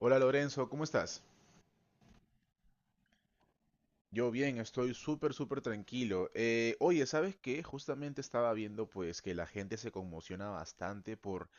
Hola Lorenzo, ¿cómo estás? Yo bien, estoy súper, súper tranquilo. Oye, ¿sabes qué? Justamente estaba viendo pues que la gente se conmociona bastante por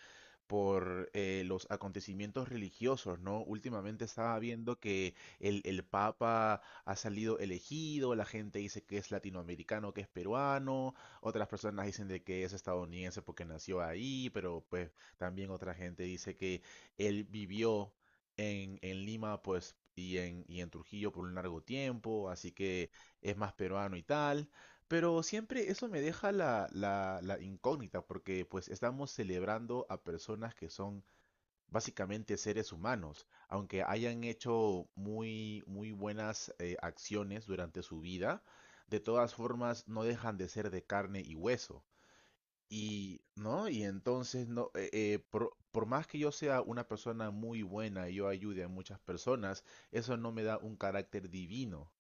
por eh, los acontecimientos religiosos, ¿no? Últimamente estaba viendo que el Papa ha salido elegido, la gente dice que es latinoamericano, que es peruano, otras personas dicen de que es estadounidense porque nació ahí, pero pues también otra gente dice que él vivió en Lima, pues, y en Trujillo por un largo tiempo, así que es más peruano y tal. Pero siempre eso me deja la incógnita, porque pues estamos celebrando a personas que son básicamente seres humanos, aunque hayan hecho muy, muy buenas acciones durante su vida, de todas formas no dejan de ser de carne y hueso. Y, ¿no? Y entonces, no, por más que yo sea una persona muy buena y yo ayude a muchas personas, eso no me da un carácter divino.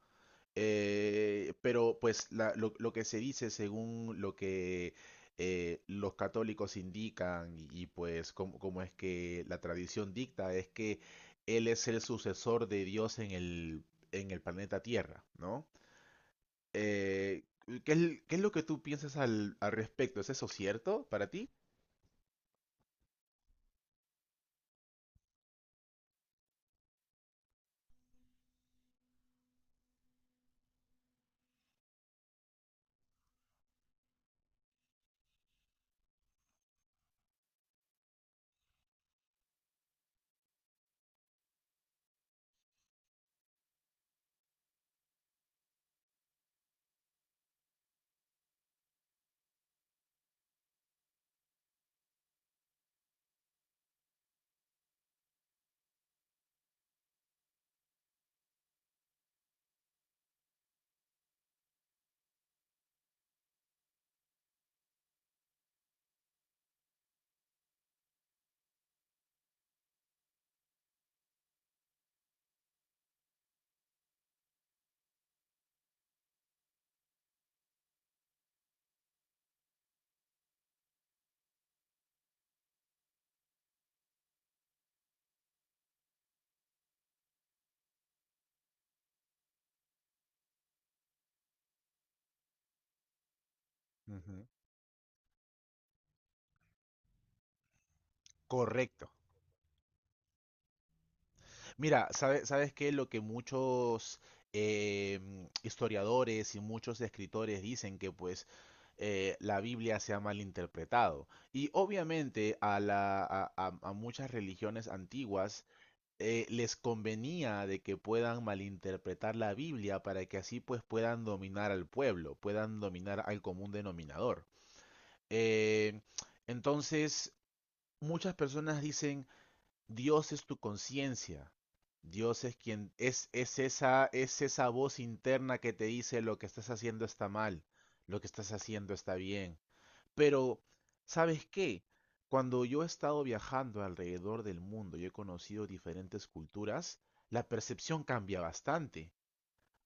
Pero pues lo que se dice según lo que los católicos indican y, pues como, como es que la tradición dicta es que él es el sucesor de Dios en el planeta Tierra, ¿no? Eh, ¿Qué es, qué es lo que tú piensas al, al respecto? ¿Es eso cierto para ti? Ujú. Correcto. Mira, ¿sabes qué? Lo que muchos eh, historiadores y muchos escritores dicen que pues la Biblia se ha malinterpretado. Y obviamente a, la, a muchas religiones antiguas les convenía de que puedan malinterpretar la Biblia para que así pues puedan dominar al pueblo, puedan dominar al común denominador. Eh, entonces, muchas personas dicen... Dios es tu conciencia. Dios es quien es, es esa voz interna que te dice lo que estás haciendo está mal, lo que estás haciendo está bien. Pero, ¿sabes qué? Cuando yo he estado viajando alrededor del mundo y he conocido diferentes culturas, la percepción cambia bastante.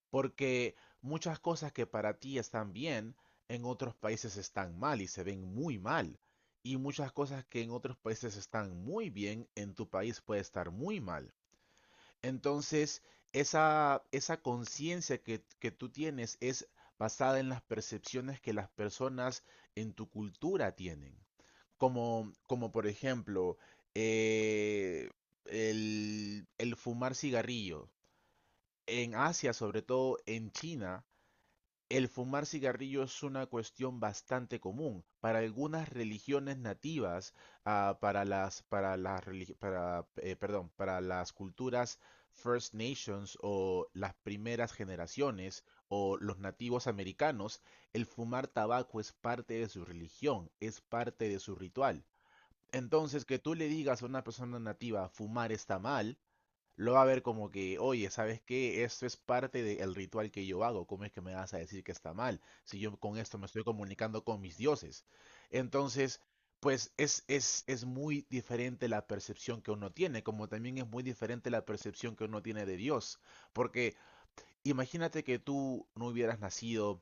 Porque muchas cosas que para ti están bien, en otros países están mal y se ven muy mal. Y muchas cosas que en otros países están muy bien, en tu país puede estar muy mal. Entonces, esa conciencia que tú tienes es basada en las percepciones que las personas en tu cultura tienen. Como, como por ejemplo, eh, el fumar cigarrillo. En Asia, sobre todo en China, el fumar cigarrillo es una cuestión bastante común para algunas religiones nativas, ah, para perdón, para las culturas First Nations o las primeras generaciones o los nativos americanos, el fumar tabaco es parte de su religión, es parte de su ritual. Entonces, que tú le digas a una persona nativa fumar está mal, lo va a ver como que, oye, ¿sabes qué? Esto es parte del ritual que yo hago. ¿Cómo es que me vas a decir que está mal? Si yo con esto me estoy comunicando con mis dioses. Entonces, pues es muy diferente la percepción que uno tiene, como también es muy diferente la percepción que uno tiene de Dios. Porque imagínate que tú no hubieras nacido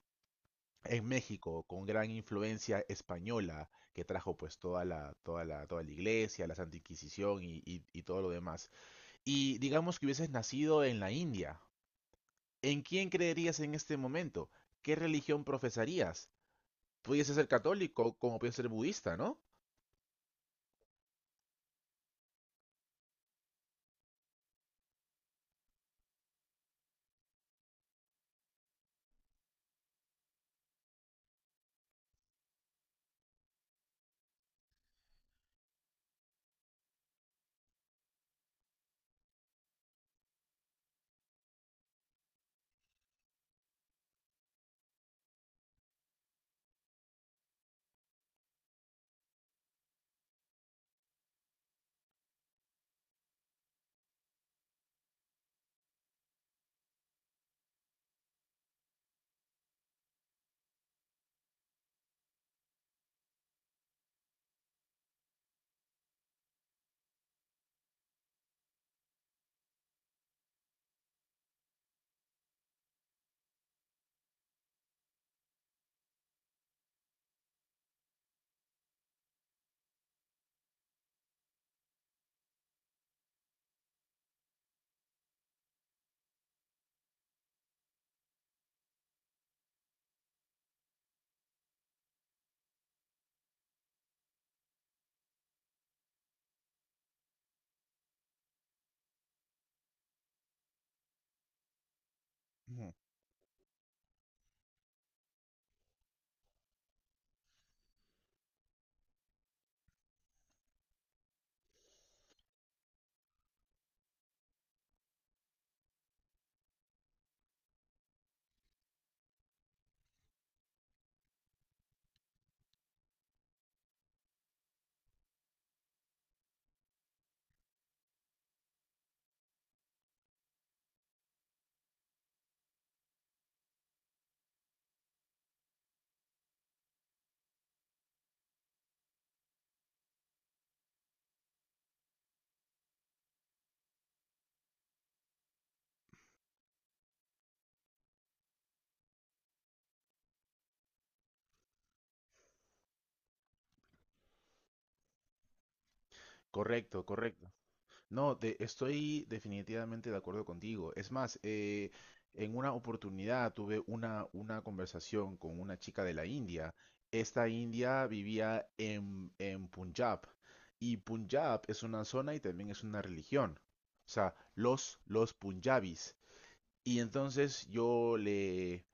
en México con gran influencia española que trajo pues toda la, toda la, toda la iglesia, la Santa Inquisición y, y todo lo demás. Y digamos que hubieses nacido en la India. ¿En quién creerías en este momento? ¿Qué religión profesarías? Pudiese ser católico como puede ser budista, ¿no? Ujú. Correcto, correcto. No, estoy definitivamente de acuerdo contigo. Es más, en una oportunidad tuve una conversación con una chica de la India. Esta india vivía en Punjab y Punjab es una zona y también es una religión. O sea, los punjabis. Y entonces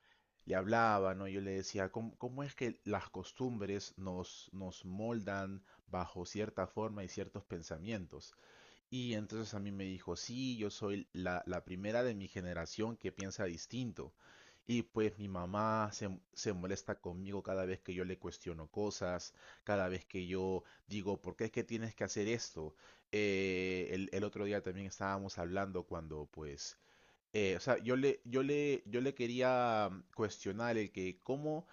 le hablaba, ¿no? Yo le decía, ¿cómo, cómo es que las costumbres nos, nos moldan bajo cierta forma y ciertos pensamientos? Y entonces a mí me dijo, sí, yo soy la primera de mi generación que piensa distinto. Y pues mi mamá se molesta conmigo cada vez que yo le cuestiono cosas, cada vez que yo digo, ¿por qué es que tienes que hacer esto? El otro día también estábamos hablando cuando pues o sea, yo le quería cuestionar el que cómo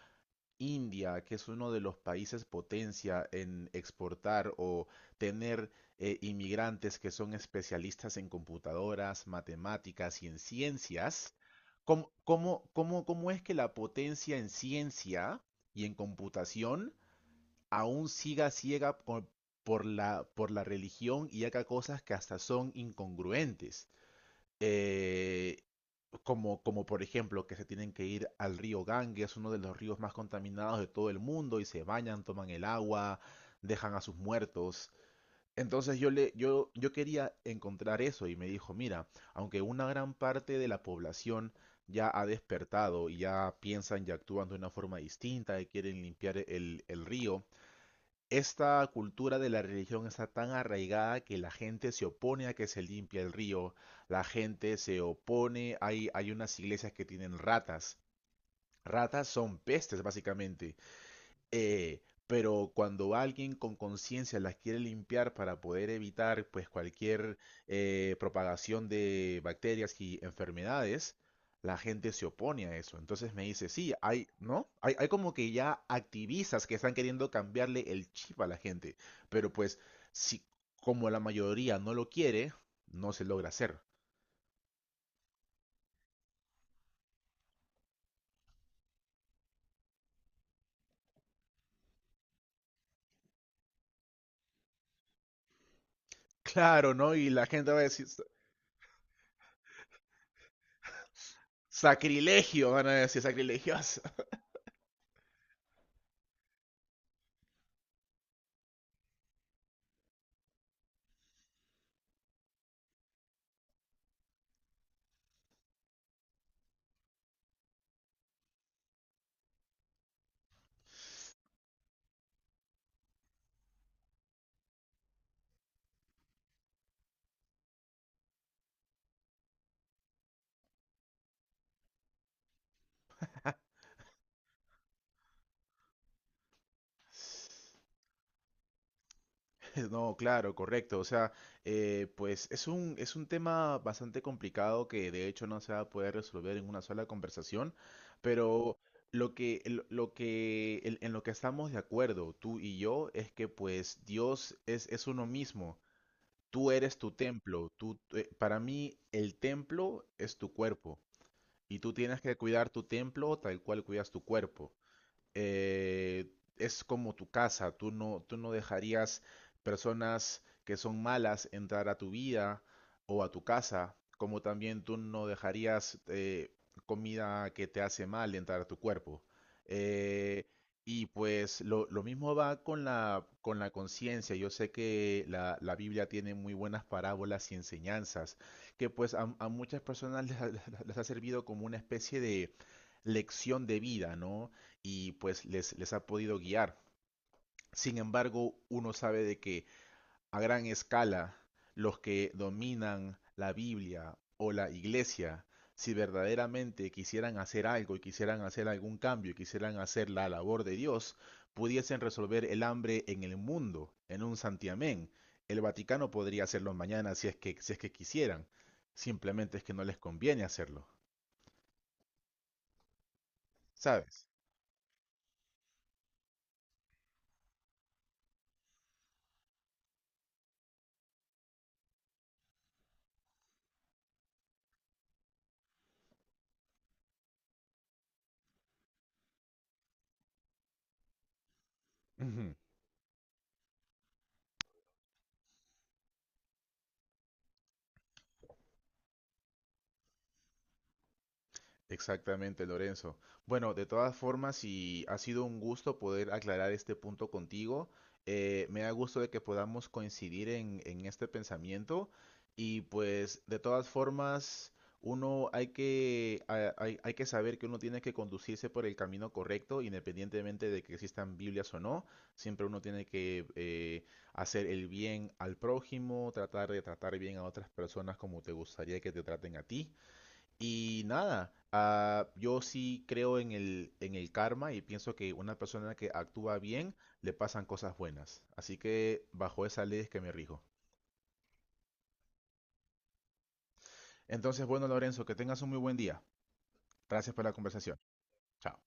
India, que es uno de los países potencia en exportar o tener inmigrantes que son especialistas en computadoras, matemáticas y en ciencias, ¿cómo es que la potencia en ciencia y en computación aún siga ciega por, por la religión y haga cosas que hasta son incongruentes? Eh, Como, como por ejemplo que se tienen que ir al río Ganges, uno de los ríos más contaminados de todo el mundo, y se bañan, toman el agua, dejan a sus muertos. Entonces yo quería encontrar eso y me dijo, mira, aunque una gran parte de la población ya ha despertado y ya piensan y actúan de una forma distinta y quieren limpiar el río, esta cultura de la religión está tan arraigada que la gente se opone a que se limpie el río, la gente se opone, hay unas iglesias que tienen ratas. Ratas son pestes, básicamente. Eh, pero cuando alguien con conciencia las quiere limpiar para poder evitar pues cualquier propagación de bacterias y enfermedades, la gente se opone a eso. Entonces me dice, sí, hay, ¿no? Hay como que ya activistas que están queriendo cambiarle el chip a la gente, pero pues si como la mayoría no lo quiere, no se logra hacer. Claro, ¿no? Y la gente va a decir, sacrilegio, van a decir sacrilegios. No, claro, correcto. O sea, pues es un tema bastante complicado que de hecho no se va a poder resolver en una sola conversación, pero en lo que estamos de acuerdo, tú y yo, es que pues Dios es uno mismo. Tú eres tu templo. Para mí, el templo es tu cuerpo y tú tienes que cuidar tu templo tal cual cuidas tu cuerpo, eh, es como tu casa, tú no dejarías personas que son malas entrar a tu vida o a tu casa, como también tú no dejarías comida que te hace mal entrar a tu cuerpo. Eh, y pues lo mismo va con la conciencia. Yo sé que la Biblia tiene muy buenas parábolas y enseñanzas, que pues a muchas personas les ha servido como una especie de lección de vida, ¿no? Y pues les ha podido guiar. Sin embargo, uno sabe de que a gran escala los que dominan la Biblia o la iglesia, si verdaderamente quisieran hacer algo y quisieran hacer algún cambio y quisieran hacer la labor de Dios, pudiesen resolver el hambre en el mundo, en un santiamén. El Vaticano podría hacerlo mañana si es que quisieran. Simplemente es que no les conviene hacerlo, ¿sabes? Ujú. Exactamente, Lorenzo. Bueno, de todas formas, y ha sido un gusto poder aclarar este punto contigo. Me da gusto de que podamos coincidir en este pensamiento. Y pues, de todas formas, uno hay que saber que uno tiene que conducirse por el camino correcto, independientemente de que existan Biblias o no. Siempre uno tiene que hacer el bien al prójimo, tratar de tratar bien a otras personas como te gustaría que te traten a ti. Y nada, ah, yo sí creo en el karma y pienso que una persona que actúa bien le pasan cosas buenas. Así que bajo esa ley es que me rijo. Entonces, bueno, Lorenzo, que tengas un muy buen día. Gracias por la conversación. Chao.